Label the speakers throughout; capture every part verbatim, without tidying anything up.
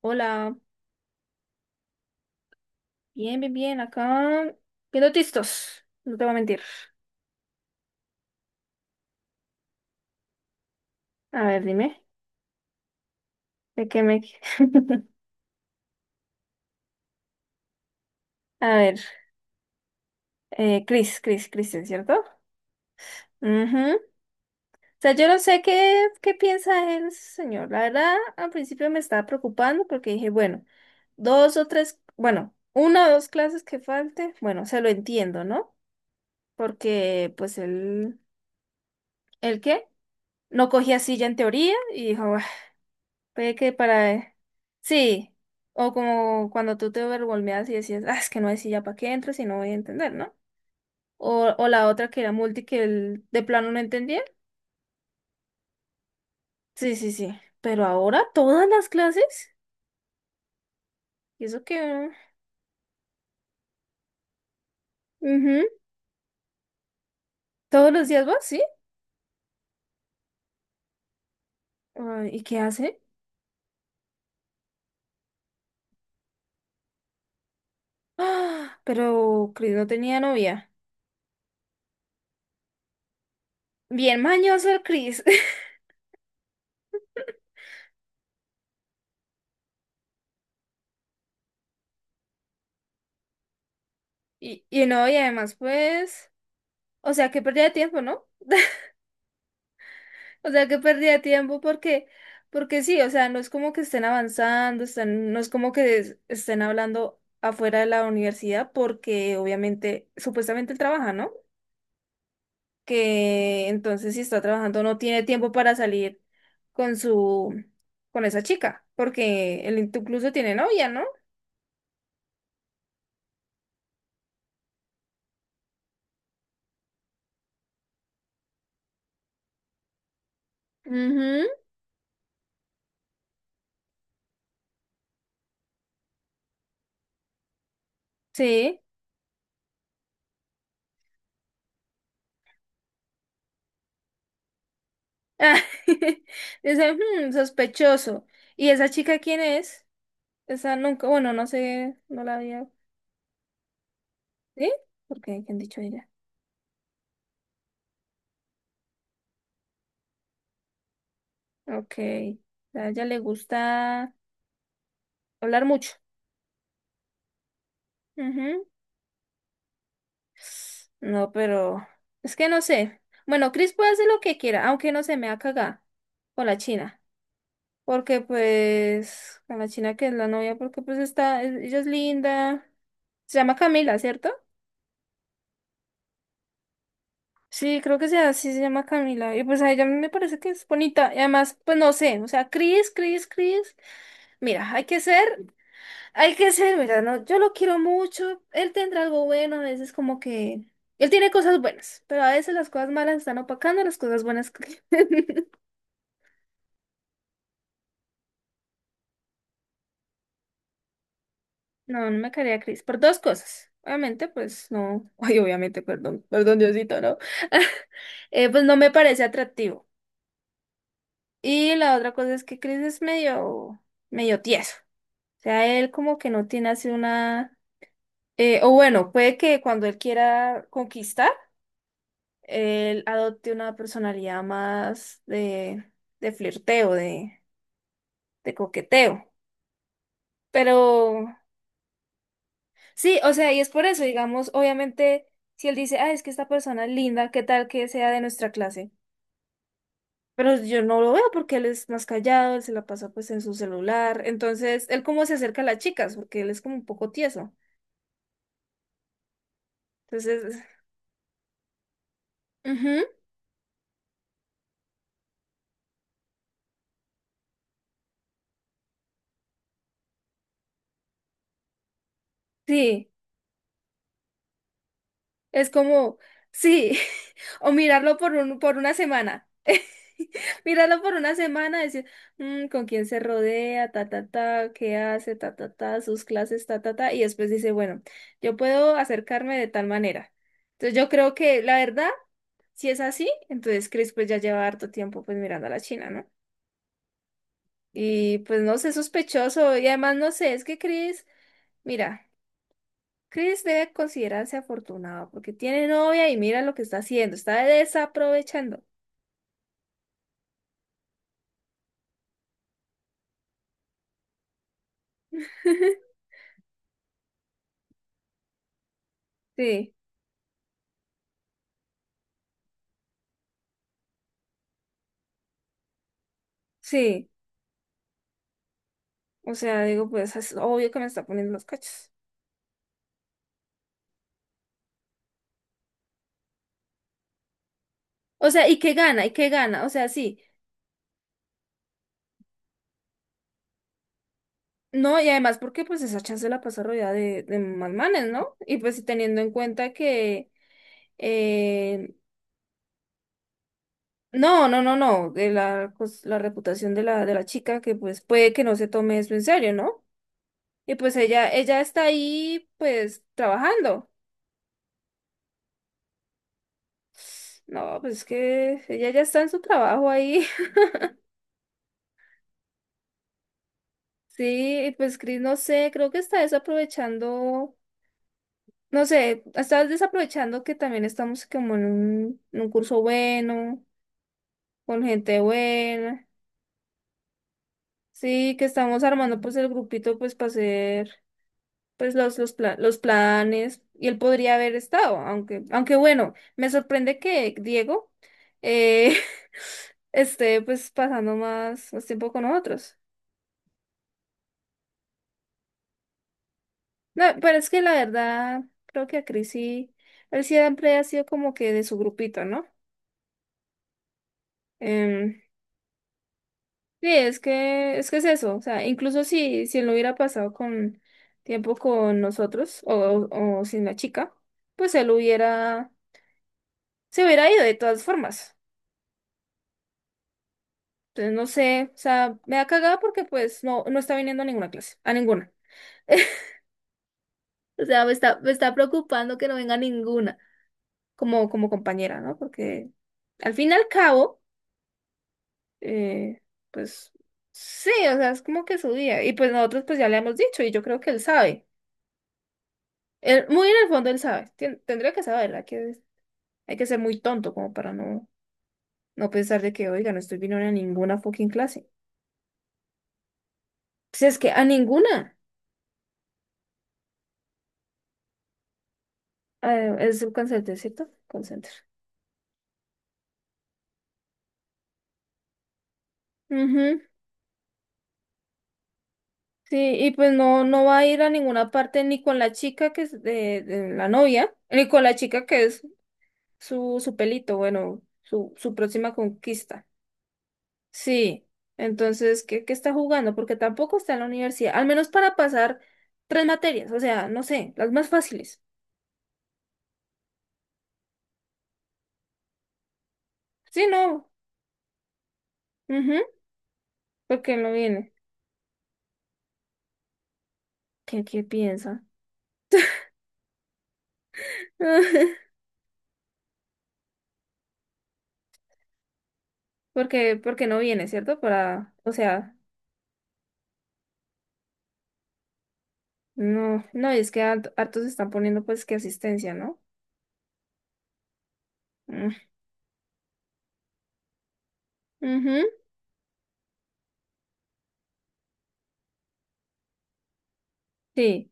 Speaker 1: Hola, bien, bien, bien, acá viendo tistos, no te voy a mentir. A ver, dime, ¿de qué me...? A ver, eh, Chris, Chris, Christian, ¿cierto? Ujú. O sea, yo no sé qué, qué piensa el señor. La verdad, al principio me estaba preocupando porque dije, bueno, dos o tres, bueno, una o dos clases que falte, bueno, se lo entiendo, ¿no? Porque, pues, él, ¿el qué? No cogía silla en teoría y dijo, puede que para... eh, sí, o como cuando tú te overwhelmeas y decías, ah, es que no sé si ya para qué entro si no voy a entender, ¿no? O, o la otra que era multi que el- de plano no entendía. Sí, sí, sí. Pero ahora todas las clases, y eso que... ujú, todos los días vas, ¿sí? Ah, ¿y qué hace? Ah, pero Chris no tenía novia. Bien mañoso el Chris. Y, y no, y además pues... O sea, que pérdida de tiempo, ¿no? O sea, que pérdida de tiempo porque, porque sí, o sea, no es como que estén avanzando, están, no es como que es- estén hablando afuera de la universidad porque obviamente, supuestamente él trabaja, ¿no? Que entonces si está trabajando no tiene tiempo para salir con su, con esa chica, porque él incluso tiene novia, ¿no? Ujú, sí. Ah, dice, "Hmm, sospechoso. ¿Y esa chica quién es? Esa nunca, bueno, no sé, no la había. ¿Sí? Porque ¿qué han dicho ella? Ok. A ella le gusta hablar mucho. Ujú. No, pero es que no sé. Bueno, Chris puede hacer lo que quiera, aunque no se me ha cagado con la China. Porque pues, con la China que es la novia, porque pues está, e- ella es linda. Se llama Camila, ¿cierto? Sí, creo que sea así, se llama Camila. Y pues a ella me parece que es bonita. Y además, pues no sé, o sea, Chris, Chris, Chris. Mira, hay que ser... hay que ser, ¿verdad? No, yo lo quiero mucho. Él tendrá algo bueno, a veces como que... él tiene cosas buenas, pero a veces las cosas malas están opacando las cosas buenas. que- No, no me caería a Chris. Por dos cosas. Obviamente, pues no. Ay, obviamente, perdón. Perdón, Diosito, ¿no? Eh, pues no me parece atractivo. Y la otra cosa es que Chris es medio, medio tieso. O sea, él como que no tiene así una... eh, o bueno, puede que cuando él quiera conquistar él adopte una personalidad más de, de flirteo, de, de coqueteo. Pero sí, o sea, y es por eso, digamos, obviamente, si él dice, ah, es que esta persona es linda, ¿qué tal que sea de nuestra clase? Pero yo no lo veo porque él es más callado, él se la pasa pues en su celular. Entonces, él cómo se acerca a las chicas, porque él es como un poco tieso. Entonces, ujú, sí. Es como, sí, o mirarlo por un, por una semana. Mirarlo por una semana, decir, "Mm, con quién se rodea, ta, ta, ta, qué hace, ta, ta, ta, sus clases, ta, ta, ta", y después dice, bueno, yo puedo acercarme de tal manera. Entonces yo creo que la verdad, si es así, entonces Chris pues ya lleva harto tiempo pues mirando a la China, ¿no? Y pues no sé, sospechoso, y además no sé, es que Chris, mira. Chris debe considerarse afortunado porque tiene novia y mira lo que está haciendo, está desaprovechando. Sí, sí. O sea, digo, pues es obvio que me está poniendo los cachos. O sea, ¿y qué gana? ¿Y qué gana? O sea, sí. No, y además porque pues esa chance la pasa rodeada de, de más manes, ¿no? Y pues teniendo en cuenta que eh, no, no, no, no, de la, cos- la reputación de la, de la chica, que pues puede que no se tome eso en serio, ¿no? Y pues ella, ella está ahí pues trabajando. No, pues es que ella ya está en su trabajo ahí. Sí, y pues Chris, no sé, creo que está desaprovechando, no sé, está desaprovechando que también estamos como en un, en un curso bueno, con gente buena. Sí, que estamos armando pues el grupito pues para hacer pues los, los, pla- los planes, y él podría haber estado, aunque, aunque bueno, me sorprende que Diego eh, esté pues pasando más, más tiempo con nosotros. No, pero es que la verdad, creo que a Chris sí, él siempre ha sido como que de su grupito, ¿no? Em, sí, es que, es que es eso, o sea, incluso si, si él no hubiera pasado con tiempo con nosotros o, o o sin la chica, pues él hubiera, se hubiera ido de todas formas. Entonces, no sé, o sea, me da cagada porque pues no, no está viniendo a ninguna clase, a ninguna. O sea, me está, me está preocupando que no venga ninguna como, como compañera, ¿no? Porque al fin y al cabo... eh, pues sí, o sea, es como que su día. Y pues nosotros pues ya le hemos dicho y yo creo que él sabe. Él, muy en el fondo él sabe. Tien- tendría que saber, hay que, hay que ser muy tonto como para no, no pensar de que, oiga, no estoy viniendo a ninguna fucking clase. Si es que a ninguna. Eh, es un consenter, ¿cierto? Consenter. Ujú, sí, y pues no, no va a ir a ninguna parte ni con la chica que es de, de la novia, ni con la chica que es su, su pelito, bueno, su, su próxima conquista. Sí, entonces, ¿qué, qué está jugando? Porque tampoco está en la universidad, al menos para pasar tres materias, o sea, no sé, las más fáciles. Sí, no, ujú, porque no viene. ¿Qué, qué piensa? Porque, porque no viene, ¿cierto? Para, o sea, no, no, y es que hart- hartos están poniendo pues que asistencia, ¿no? Mm, ujú, sí.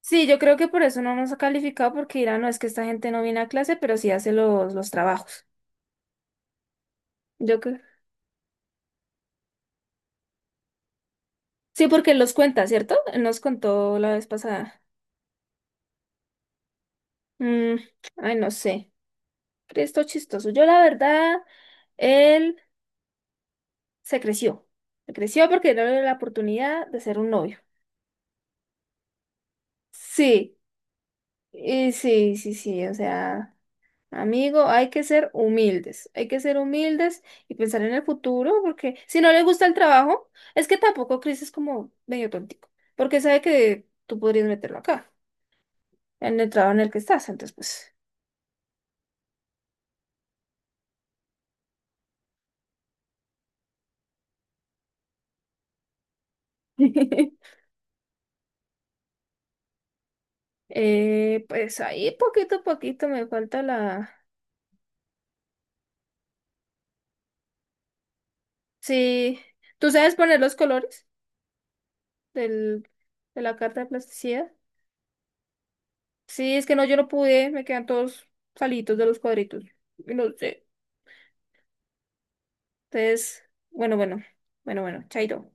Speaker 1: Sí, yo creo que por eso no nos ha calificado, porque dirán, no, es que esta gente no viene a clase, pero sí hace los, los trabajos. Yo, cre- sí, porque él los cuenta, ¿cierto? Él nos contó la vez pasada. Mm, ay, no sé. Esto chistoso. Yo, la verdad, él se creció. Se creció porque no le dio la oportunidad de ser un novio. Sí, y sí, sí, sí. O sea, amigo, hay que ser humildes. Hay que ser humildes y pensar en el futuro, porque si no le gusta el trabajo, es que tampoco Chris es como medio tontico, porque sabe que tú podrías meterlo acá, en el trabajo en el que estás. Entonces, pues. Eh, pues ahí poquito a poquito me falta la... Sí, ¿tú sabes poner los colores del, de la carta de plasticidad? Sí, es que no, yo no pude, me quedan todos salitos de los cuadritos. Y no sé. Entonces, bueno, bueno, bueno, bueno, chaito.